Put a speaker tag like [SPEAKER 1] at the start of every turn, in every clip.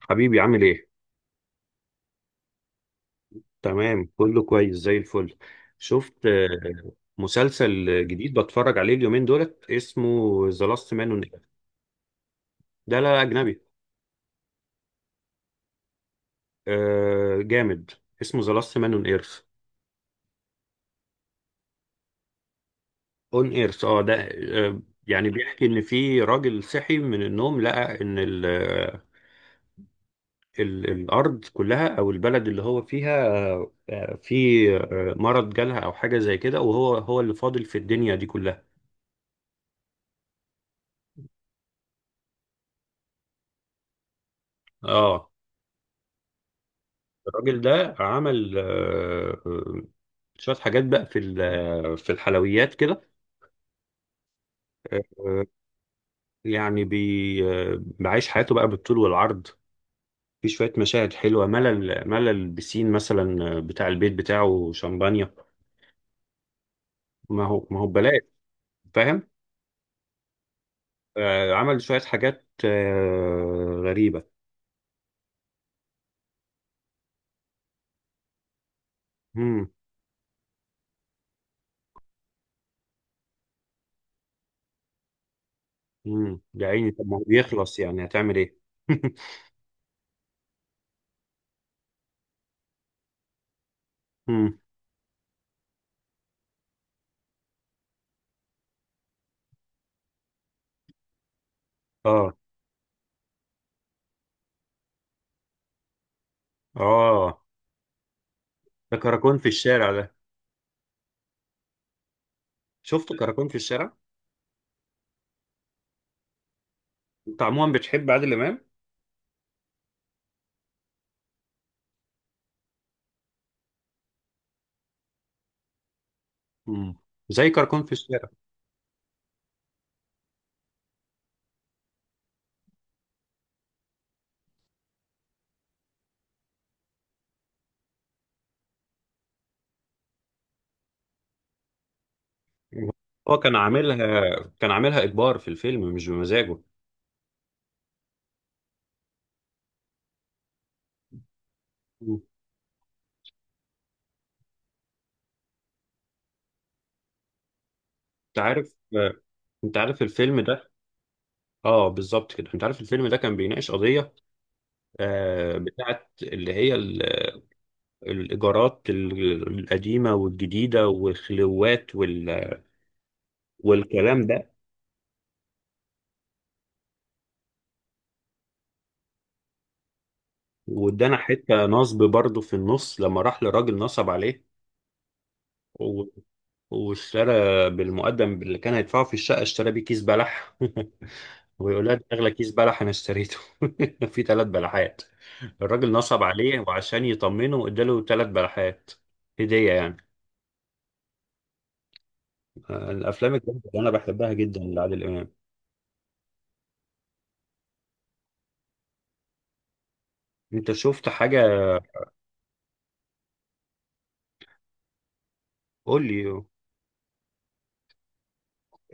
[SPEAKER 1] حبيبي عامل ايه؟ تمام كله كويس زي الفل. شفت؟ مسلسل جديد بتفرج عليه اليومين دولت، اسمه ذا لاست مان اون ايرث. ده لا، لا، اجنبي. آه، جامد. اسمه ذا لاست مان اون ايرث. اون ايرث اه ده. يعني بيحكي ان في راجل صحي من النوم، لقى ان ال آه، ال الارض كلها او البلد اللي هو فيها. في مرض جالها او حاجه زي كده، وهو اللي فاضل في الدنيا دي كلها. اه، الراجل ده عمل شوية حاجات بقى في الحلويات كده. آه، يعني بي آه، بعيش حياته بقى بالطول والعرض. في شوية مشاهد حلوة، ملل ملل بسين، مثلا بتاع البيت بتاعه شمبانيا. ما هو ببلاش، فاهم. عمل شوية حاجات غريبة. امم. امم، يا عيني، طب ما هو بيخلص، يعني هتعمل ايه؟ امم. اه، اه، ده كراكون في الشارع. ده شفت كراكون في الشارع. انت عموما بتحب عادل امام؟ مم. زي كركون في الشارع. هو كان عاملها، كان عاملها اجبار في الفيلم، مش بمزاجه. مم. انت عارف آه، انت عارف الفيلم ده. اه، بالظبط كده. انت عارف الفيلم ده كان بيناقش قضيه بتاعت اللي هي الايجارات، القديمه والجديده، والخلوات والكلام ده. وادانا حته نصب برضه في النص لما راح لراجل نصب عليه. و- واشترى بالمقدم اللي كان هيدفعه في الشقة، اشترى بيه كيس بلح. ويقول لها ده أغلى كيس بلح أنا اشتريته. في ثلاث بلحات. الراجل نصب عليه، وعشان يطمنه اداله ثلاث بلحات هدية يعني. الأفلام الجامدة اللي أنا بحبها جدا لعادل إمام. أنت شفت حاجة؟ قول لي.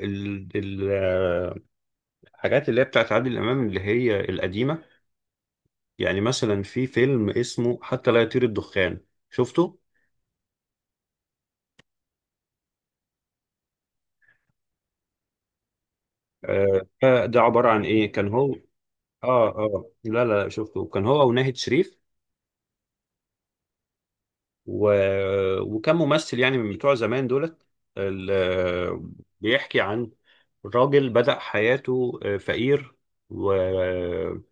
[SPEAKER 1] ال- ال- آه، الحاجات اللي هي بتاعت عادل إمام، اللي هي القديمة. يعني مثلا في فيلم اسمه حتى لا يطير الدخان. شفته؟ ده عبارة عن إيه؟ كان هو. اه، اه، لا، لا، لا، شفته. كان هو وناهد شريف، و... وكان ممثل يعني من بتوع زمان دولت. ال... بيحكي عن راجل بدأ حياته فقير. وكان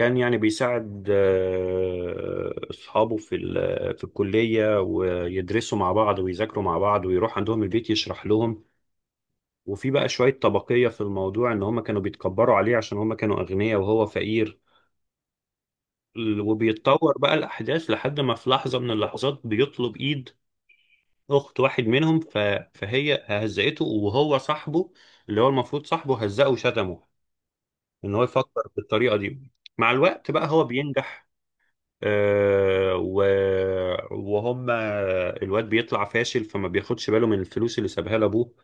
[SPEAKER 1] يعني بيساعد أصحابه في الكلية، ويدرسوا مع بعض، ويذاكروا مع بعض، ويروح عندهم البيت يشرح لهم. وفي بقى شوية طبقية في الموضوع، إن هم كانوا بيتكبروا عليه عشان هم كانوا أغنياء وهو فقير. وبيتطور بقى الأحداث، لحد ما في لحظة من اللحظات بيطلب إيد أخت واحد منهم، فهي هزقته، وهو صاحبه، اللي هو المفروض صاحبه، هزقه وشتمه إن هو يفكر بالطريقة دي. مع الوقت بقى هو بينجح. آه و... وهم الواد بيطلع فاشل، فما بياخدش باله من الفلوس اللي سابها لأبوه،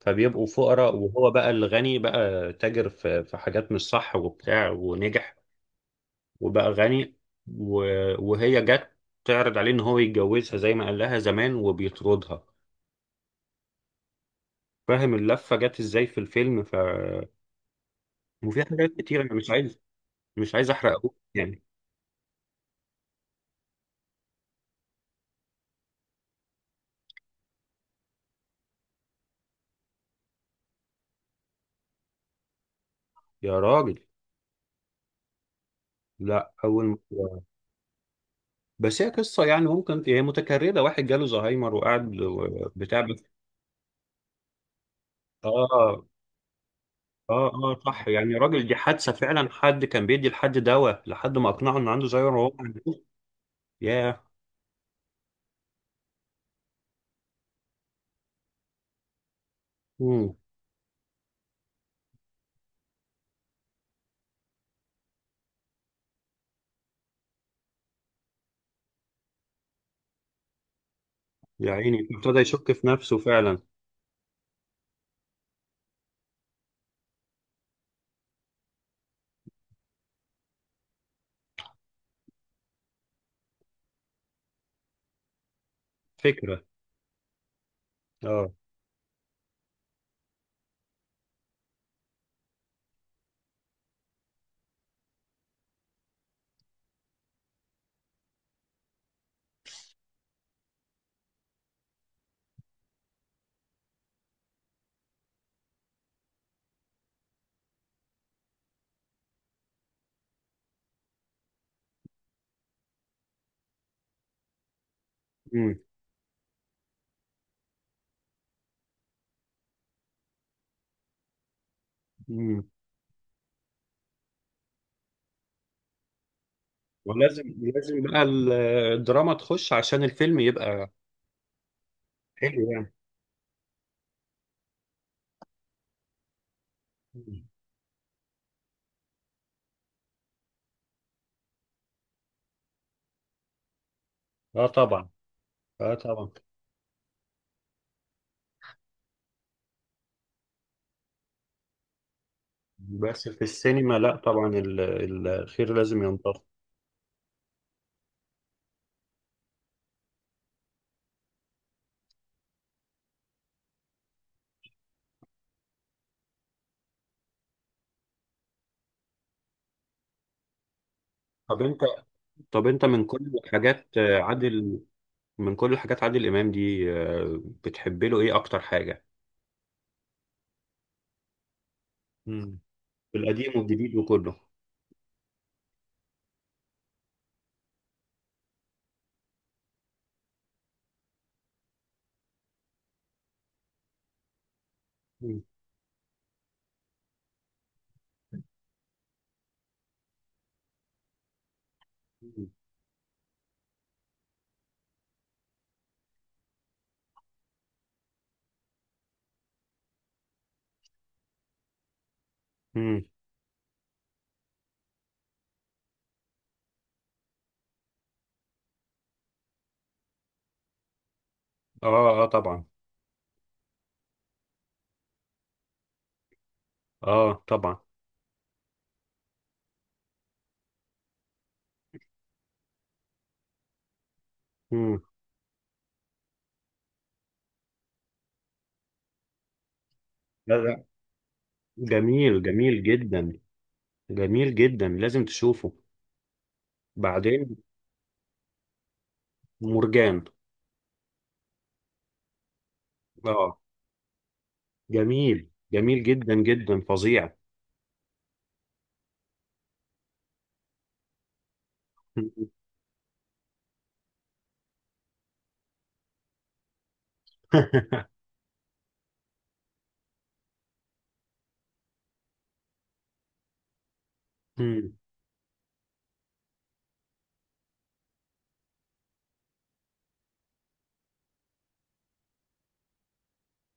[SPEAKER 1] فبيبقوا فقراء. وهو بقى الغني، بقى تاجر في حاجات مش صح، وبتاع، ونجح، وبقى غني. و... وهي جت تعرض عليه ان هو يتجوزها زي ما قال لها زمان، وبيطردها. فاهم اللفة جت ازاي في الفيلم؟ وفي حاجات كتير انا مش عايز، مش عايز احرقه يعني. يا راجل، لا. اول مرة. بس هي قصة يعني، ممكن هي متكررة، واحد جاله زهايمر وقعد بتاع بس. اه، اه، اه، صح. يعني يا راجل دي حادثة فعلا، حد كان بيدي لحد دواء لحد ما اقنعه ان عنده زهايمر وهو ما عندوش. ياه. مم. يا عيني، ابتدى يشك في نفسه فعلا. فكرة. اه. امم. امم. ولازم بقى الدراما تخش عشان الفيلم يبقى حلو يعني. مم. اه طبعا. اه طبعا. بس في السينما لا طبعا، الخير لازم ينتصر. طب انت، طب انت من كل الحاجات آه، عادل من كل الحاجات عادل امام دي، بتحب له ايه اكتر حاجة؟ مم. القديم والجديد وكله. مم. مم. مم. اه، اه طبعا. اه طبعا. مم. لا، لا، جميل. جميل جدا. جميل جدا، لازم تشوفه. بعدين. مرجان. اه، جميل، جميل جدا جدا، فظيع. مم.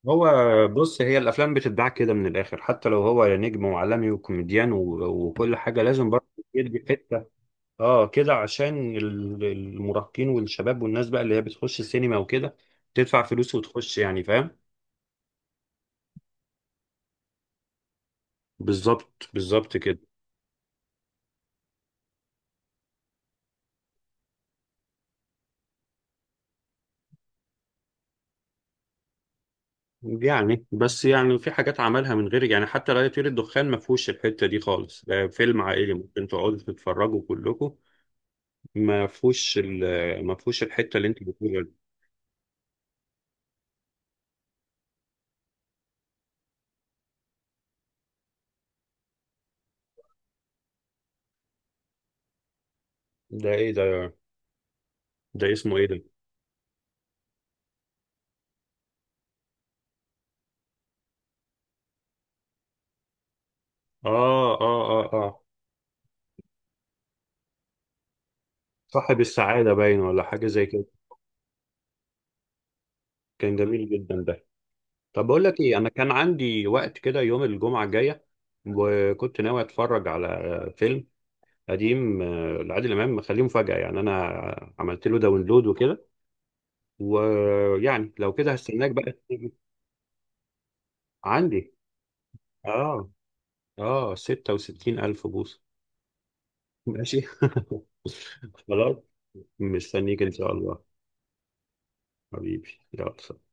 [SPEAKER 1] هو بص، هي الافلام بتتباع كده من الاخر، حتى لو هو نجم وعالمي وكوميديان وكل حاجه لازم برضه يدي حته. اه، كده عشان المراهقين والشباب والناس بقى اللي هي بتخش السينما وكده تدفع فلوس وتخش، يعني فاهم. بالظبط، بالظبط كده. يعني بس يعني في حاجات عملها من غير يعني. حتى لا يطير الدخان ما فيهوش الحتة دي خالص، ده فيلم عائلي ممكن تقعدوا تتفرجوا كلكم. ما فيهوش ما فيهوش الحتة اللي انت بتقولها دي. ده ايه ده؟ ده اسمه ايه ده؟ اه، اه، اه، اه، صاحب السعادة باين ولا حاجة زي كده. كان جميل جدا ده. طب بقول لك ايه، انا كان عندي وقت كده يوم الجمعة الجاية، وكنت ناوي اتفرج على فيلم قديم لعادل امام، مخليه مفاجأة يعني. انا عملت له داونلود وكده. ويعني لو كده هستناك بقى تيجي. عندي. اه، اه، 66 ألف بوصة. ماشي. خلاص. مستنيك إن شاء الله. حبيبي يلا، سلام.